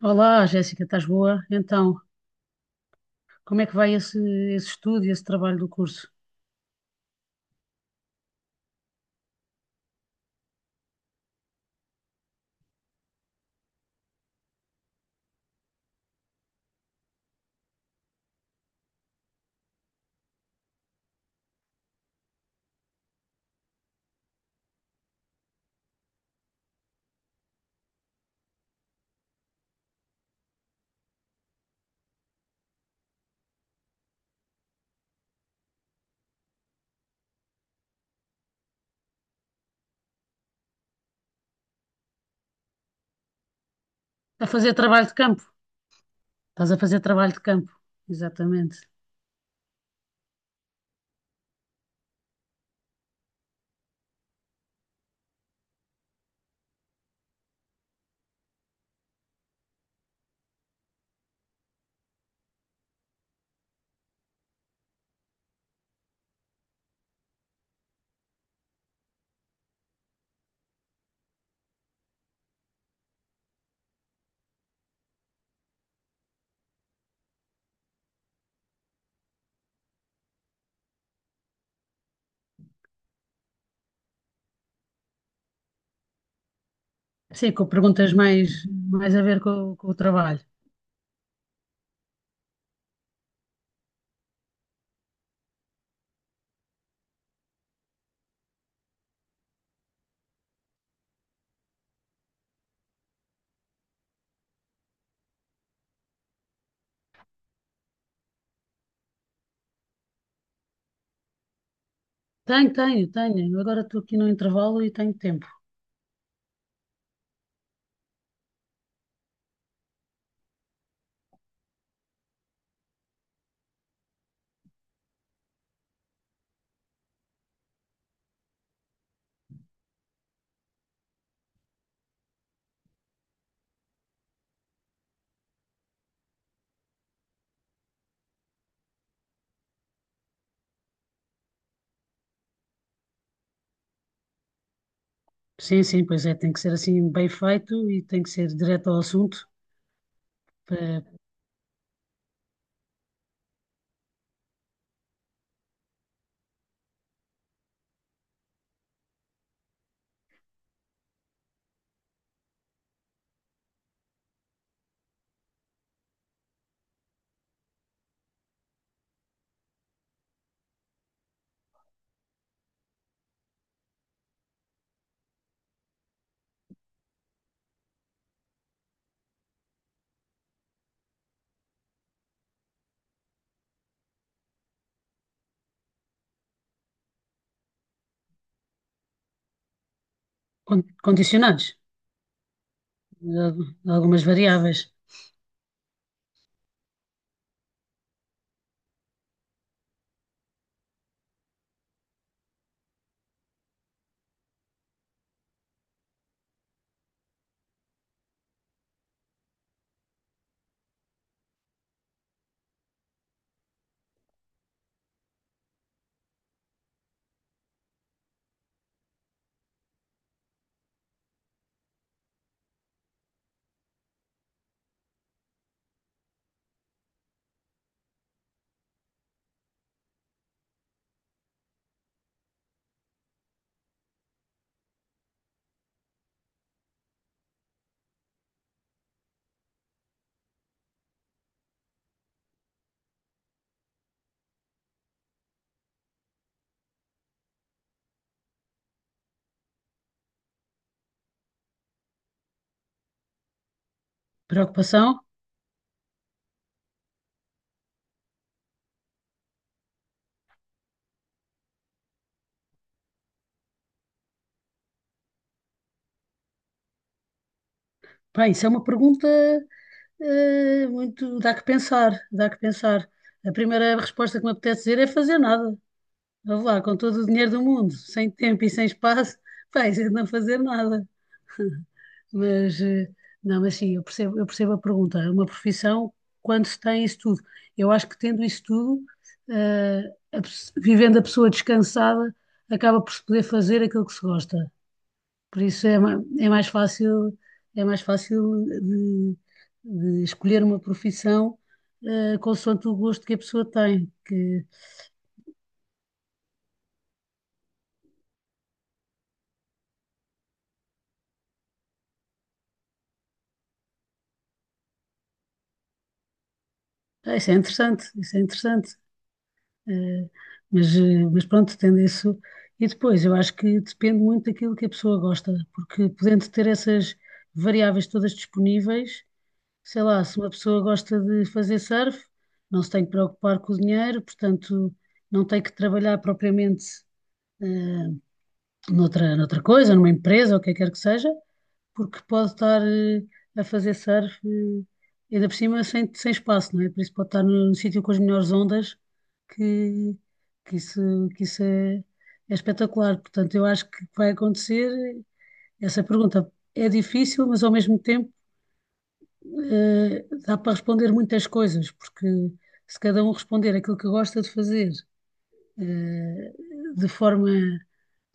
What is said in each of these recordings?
Olá, Jéssica, estás boa? Então, como é que vai esse estudo e esse trabalho do curso? A fazer trabalho de campo? Estás a fazer trabalho de campo, exatamente. Sim, com perguntas mais a ver com o trabalho. Tenho, tenho, tenho. Eu agora estou aqui no intervalo e tenho tempo. Sim, sim, pois é, tem que ser assim bem feito e tem que ser direto ao assunto, para- condicionados, de al- de algumas variáveis. Preocupação? Pá, isso é uma pergunta muito. Dá que pensar, dá que pensar. A primeira resposta que me apetece dizer é fazer nada. Vamos lá, com todo o dinheiro do mundo, sem tempo e sem espaço, pá, isso é não fazer nada. Mas, eh, não, mas sim, eu percebo a pergunta. É uma profissão, quando se tem isso tudo. Eu acho que tendo isso tudo, eh, vivendo a pessoa descansada, acaba por se poder fazer aquilo que se gosta. Por isso é mais fácil de escolher uma profissão consoante o gosto que a pessoa tem. Que, ah, isso é interessante, isso é interessante. Eh, mas pronto, tendo isso. E depois, eu acho que depende muito daquilo que a pessoa gosta, porque podendo ter essas variáveis todas disponíveis, sei lá, se uma pessoa gosta de fazer surf, não se tem que preocupar com o dinheiro, portanto, não tem que trabalhar propriamente. eh, Noutra coisa, numa empresa, ou o que quer que seja, porque pode estar a fazer surf, ainda por cima, sem espaço, não é? Por isso pode estar num sítio com as melhores ondas, que, que isso, que isso é espetacular. Portanto, eu acho que vai acontecer essa pergunta. É difícil, mas ao mesmo tempo dá para responder muitas coisas, porque se cada um responder aquilo que gosta de fazer eh, de forma,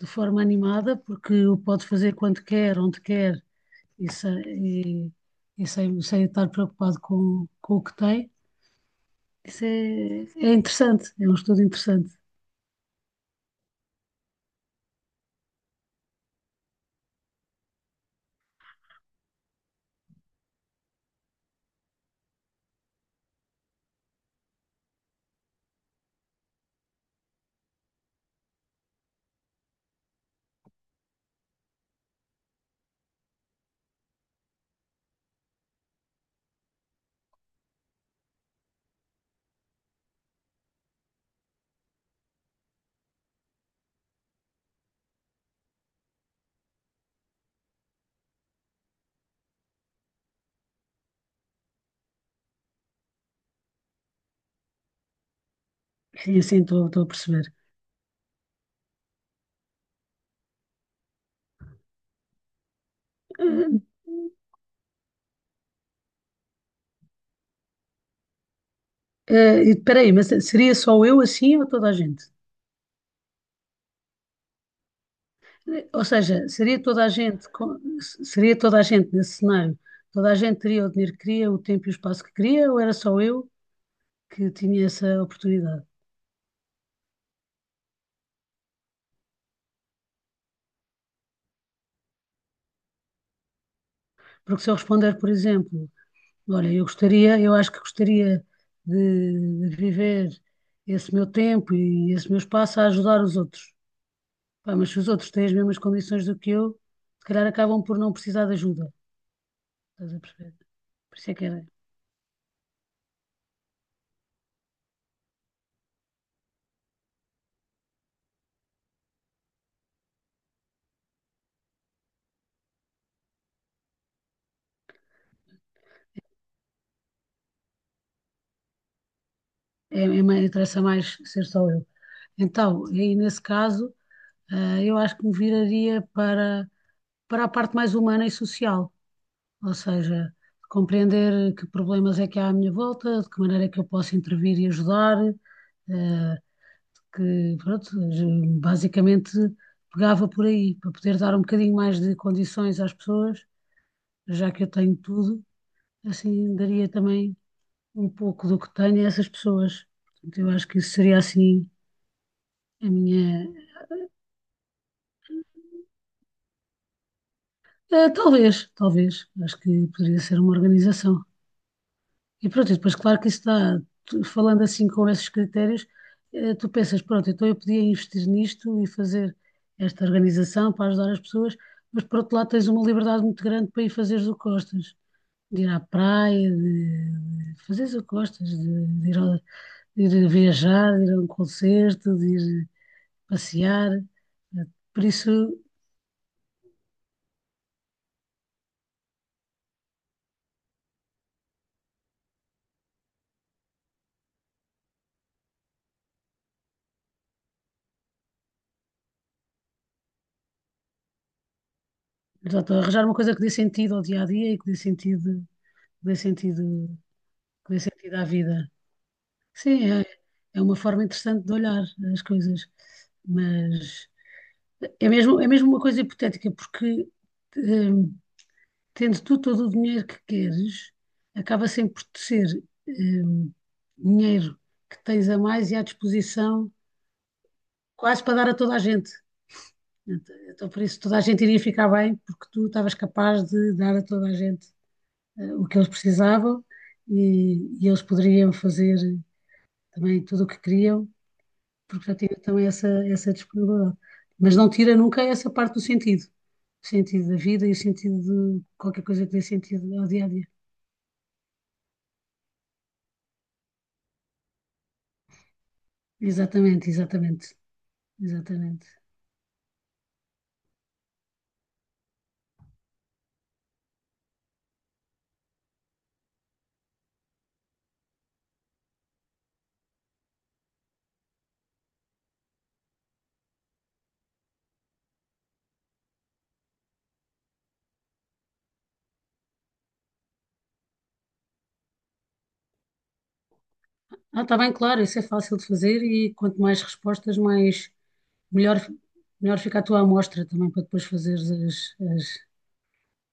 de forma animada, porque o pode fazer quando quer, onde quer e, sem, e, e sem estar preocupado com o que tem. Isso é interessante, é um estudo interessante. Sim, sim, estou a perceber. Eh, Espera aí, mas seria só eu assim ou toda a gente? Ou seja, seria toda a gente, seria toda a gente nesse cenário, toda a gente teria o dinheiro que queria, o tempo e o espaço que queria, ou era só eu que tinha essa oportunidade? Porque se eu responder, por exemplo, olha, eu gostaria, eu acho que gostaria de viver esse meu tempo e esse meu espaço a ajudar os outros. Pá, mas se os outros têm as mesmas condições do que eu, se calhar acabam por não precisar de ajuda. Estás a perceber? Por é, interessa mais ser só eu. Então, aí nesse caso, eu acho que me viraria para a parte mais humana e social. Ou seja, compreender que problemas é que há à minha volta, de que maneira é que eu posso intervir e ajudar, eh, pronto, basicamente pegava por aí, para poder dar um bocadinho mais de condições às pessoas, já que eu tenho tudo, assim daria também um pouco do que tenho a essas pessoas. Portanto, eu acho que isso seria assim a minha. Talvez, talvez. Acho que poderia ser uma organização. E pronto, e depois, claro que isso dá, falando assim com esses critérios, tu pensas, pronto, então eu podia investir nisto e fazer esta organização para ajudar as pessoas, mas por outro lado tens uma liberdade muito grande para ir fazeres o que gostas, de ir à praia, de fazeres o que gostas, de ir viajar, de ir a um concerto, de ir passear. Eh, Por isso, portanto, arranjar uma coisa que dê sentido ao dia a dia e que dê que dê sentido, que dê sentido à vida. Sim, é uma forma interessante de olhar as coisas, mas é mesmo uma coisa hipotética, porque hum, tendo tu todo o dinheiro que queres, acaba sempre por te ser hum, dinheiro que tens a mais e à disposição quase para dar a toda a gente. Então, por isso, toda a gente iria ficar bem, porque tu estavas capaz de dar a toda a gente o que eles precisavam e, e eles poderiam fazer também tudo o que queriam porque já tive também essa disponibilidade. Mas não tira nunca essa parte do sentido, o sentido da vida e o sentido de qualquer coisa que dê sentido ao dia a dia. Exatamente, exatamente, exatamente. Ah, está bem, claro, isso é fácil de fazer e quanto mais respostas, mais melhor, melhor fica a tua amostra também para depois fazeres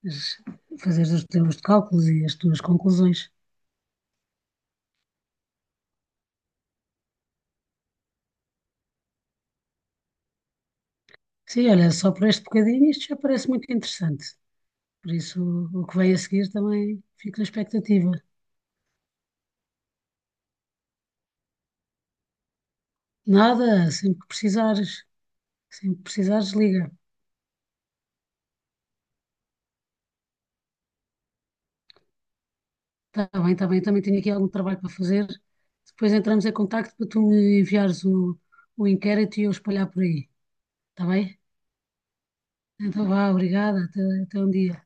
as- fazeres os teus cálculos e as tuas conclusões. Sim, olha, só por este bocadinho isto já parece muito interessante. Por isso, o que vem a seguir também fico na expectativa. Nada, sempre que precisares, liga. Está bem, também tenho aqui algum trabalho para fazer. Depois entramos em contacto para tu me enviares o inquérito e eu espalhar por aí. Está bem? Então vá, obrigada, até um dia.